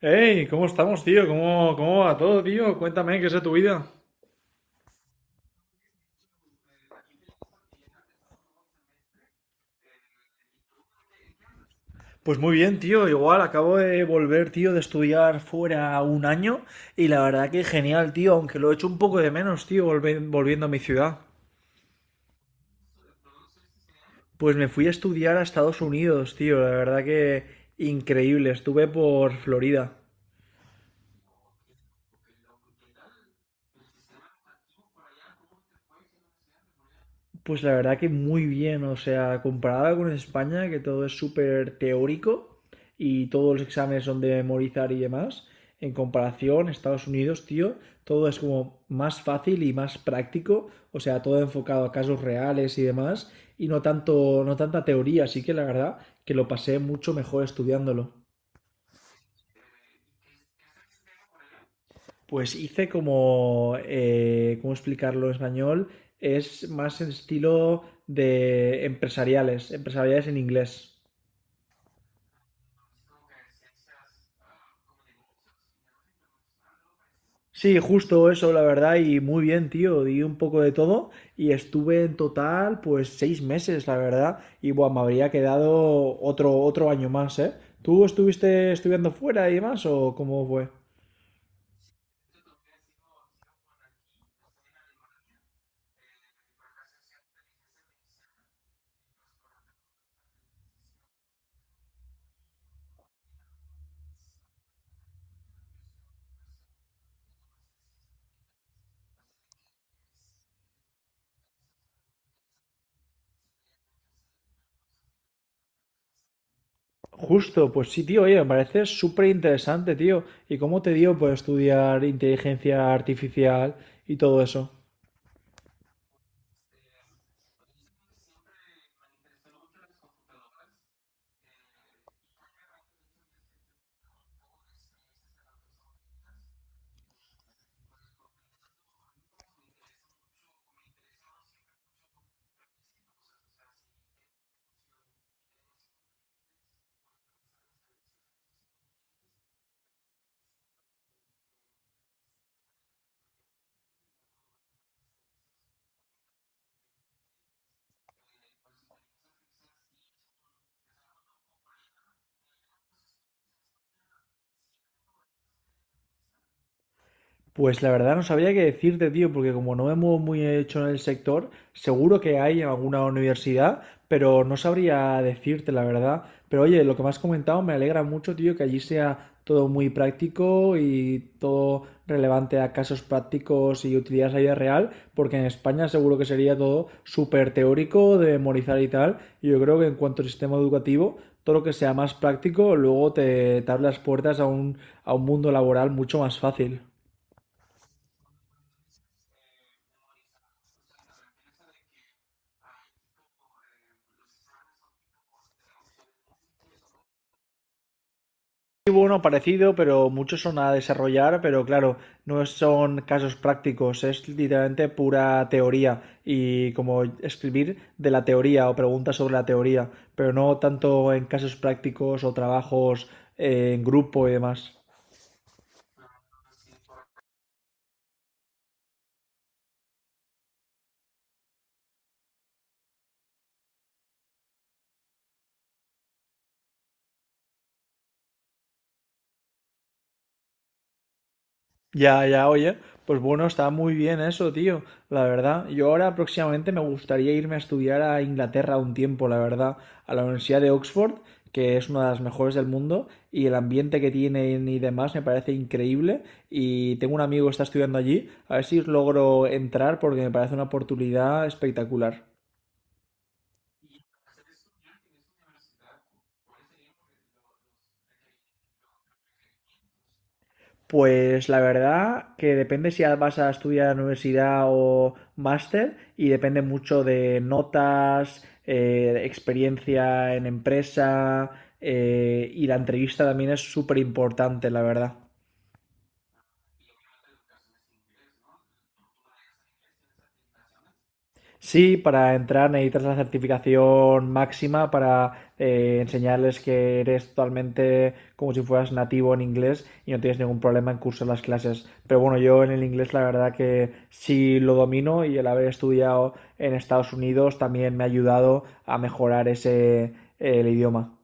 Hey, ¿cómo estamos, tío? ¿Cómo va todo, tío? Cuéntame, ¿qué es de tu vida? Pues muy bien, tío. Igual acabo de volver, tío, de estudiar fuera un año y la verdad que genial, tío, aunque lo he hecho un poco de menos, tío, volviendo a mi ciudad. Pues me fui a estudiar a Estados Unidos, tío. La verdad que increíble. Estuve por Florida. Pues la verdad que muy bien, o sea, comparado con España, que todo es súper teórico y todos los exámenes son de memorizar y demás, en comparación, Estados Unidos, tío, todo es como más fácil y más práctico, o sea, todo enfocado a casos reales y demás, y no tanto, no tanta teoría, así que la verdad que lo pasé mucho mejor estudiándolo. Pues hice como, ¿cómo explicarlo en español? Es más en estilo de empresariales, empresariales en inglés. Sí, justo eso, la verdad, y muy bien, tío. Di un poco de todo y estuve en total, pues, 6 meses, la verdad. Y bueno, me habría quedado otro, otro año más, ¿eh? ¿Tú estuviste estudiando fuera y demás o cómo fue? Justo, pues sí, tío, oye, me parece súper interesante, tío. ¿Y cómo te dio, pues, estudiar inteligencia artificial y todo eso? Pues la verdad no sabría qué decirte, tío, porque como no me muevo muy hecho en el sector, seguro que hay en alguna universidad, pero no sabría decirte la verdad. Pero oye, lo que me has comentado me alegra mucho, tío, que allí sea todo muy práctico y todo relevante a casos prácticos y utilidades a la vida real, porque en España seguro que sería todo súper teórico, de memorizar y tal. Y yo creo que en cuanto al sistema educativo, todo lo que sea más práctico, luego te abre las puertas a un mundo laboral mucho más fácil. Hubo uno parecido, pero muchos son a desarrollar, pero claro, no son casos prácticos, es literalmente pura teoría y como escribir de la teoría o preguntas sobre la teoría, pero no tanto en casos prácticos o trabajos en grupo y demás. Ya, ya, oye, pues bueno, está muy bien eso, tío, la verdad. Yo ahora próximamente me gustaría irme a estudiar a Inglaterra un tiempo, la verdad, a la Universidad de Oxford, que es una de las mejores del mundo, y el ambiente que tienen y demás me parece increíble. Y tengo un amigo que está estudiando allí, a ver si logro entrar porque me parece una oportunidad espectacular. Pues la verdad que depende si vas a estudiar en universidad o máster y depende mucho de notas, experiencia en empresa y la entrevista también es súper importante, la verdad. Sí, para entrar necesitas la certificación máxima para enseñarles que eres totalmente como si fueras nativo en inglés y no tienes ningún problema en cursar las clases. Pero bueno, yo en el inglés la verdad que sí lo domino y el haber estudiado en Estados Unidos también me ha ayudado a mejorar ese, el idioma.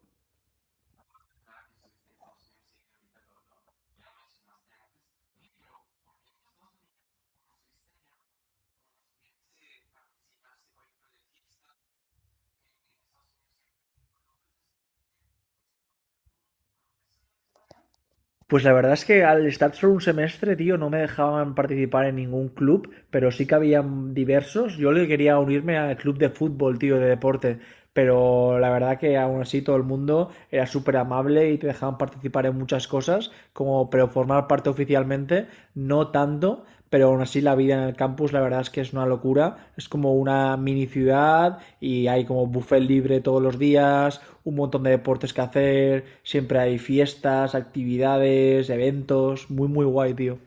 Pues la verdad es que al estar solo un semestre, tío, no me dejaban participar en ningún club, pero sí que habían diversos. Yo le quería unirme al club de fútbol, tío, de deporte, pero la verdad que aún así todo el mundo era súper amable y te dejaban participar en muchas cosas, como pero formar parte oficialmente, no tanto, pero aún así la vida en el campus la verdad es que es una locura. Es como una mini ciudad y hay como buffet libre todos los días, un montón de deportes que hacer, siempre hay fiestas, actividades, eventos, muy muy guay, tío.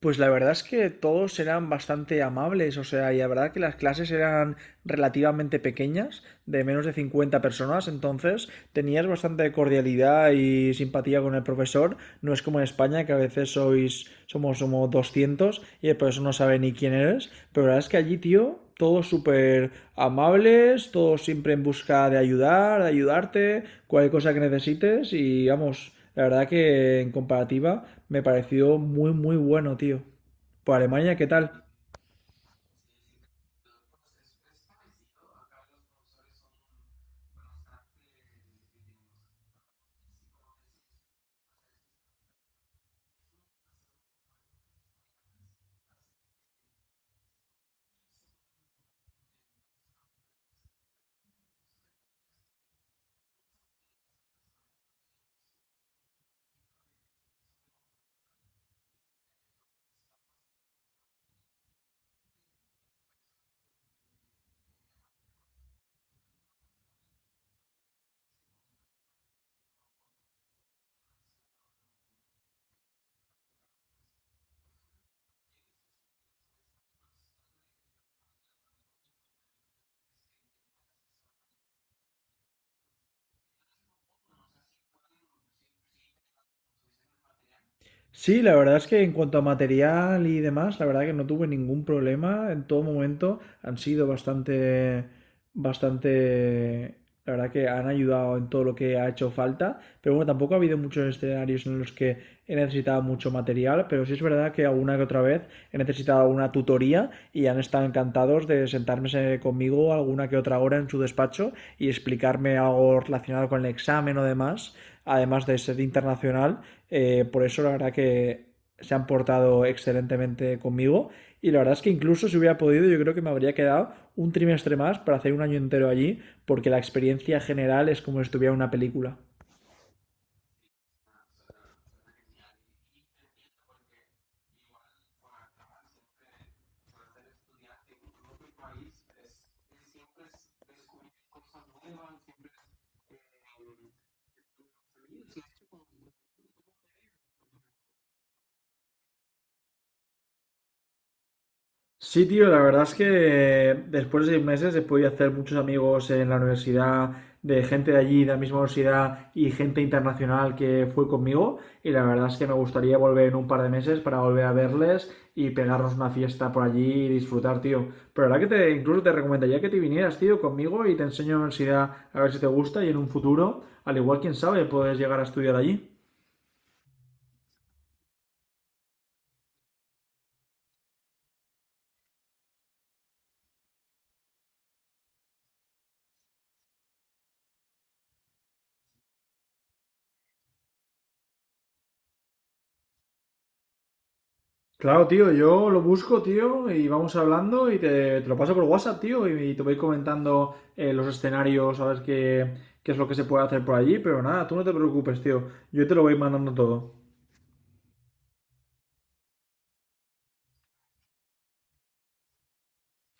Pues la verdad es que todos eran bastante amables, o sea, y la verdad que las clases eran relativamente pequeñas, de menos de 50 personas, entonces tenías bastante cordialidad y simpatía con el profesor. No es como en España, que a veces sois, somos, somos 200 y por eso no sabe ni quién eres. Pero la verdad es que allí, tío, todos súper amables, todos siempre en busca de ayudar, de ayudarte, cualquier cosa que necesites. Y vamos, la verdad que en comparativa me pareció muy, muy bueno, tío. Por Alemania, ¿qué tal? Sí, la verdad es que en cuanto a material y demás, la verdad que no tuve ningún problema en todo momento. Han sido bastante, bastante, la verdad que han ayudado en todo lo que ha hecho falta. Pero bueno, tampoco ha habido muchos escenarios en los que he necesitado mucho material, pero sí es verdad que alguna que otra vez he necesitado una tutoría y han estado encantados de sentarme conmigo alguna que otra hora en su despacho y explicarme algo relacionado con el examen o demás, además de ser internacional, por eso la verdad que se han portado excelentemente conmigo y la verdad es que incluso si hubiera podido yo creo que me habría quedado un trimestre más para hacer un año entero allí porque la experiencia general es como si estuviera en una película. Sí, tío, la verdad es que después de 6 meses he podido hacer muchos amigos en la universidad, de gente de allí, de la misma universidad y gente internacional que fue conmigo. Y la verdad es que me gustaría volver en un par de meses para volver a verles y pegarnos una fiesta por allí y disfrutar, tío. Pero la verdad que te, incluso te recomendaría que te vinieras, tío, conmigo y te enseño la universidad a ver si te gusta y en un futuro, al igual, quién sabe, puedes llegar a estudiar allí. Claro, tío, yo lo busco, tío, y vamos hablando y te lo paso por WhatsApp, tío, y te voy comentando los escenarios, a ver qué, qué es lo que se puede hacer por allí, pero nada, tú no te preocupes, tío, yo te lo voy mandando todo.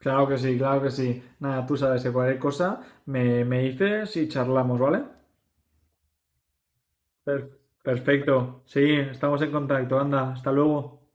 Claro que sí, claro que sí. Nada, tú sabes que cualquier cosa me dices y charlamos, ¿vale? Per- Perfecto, sí, estamos en contacto, anda, hasta luego.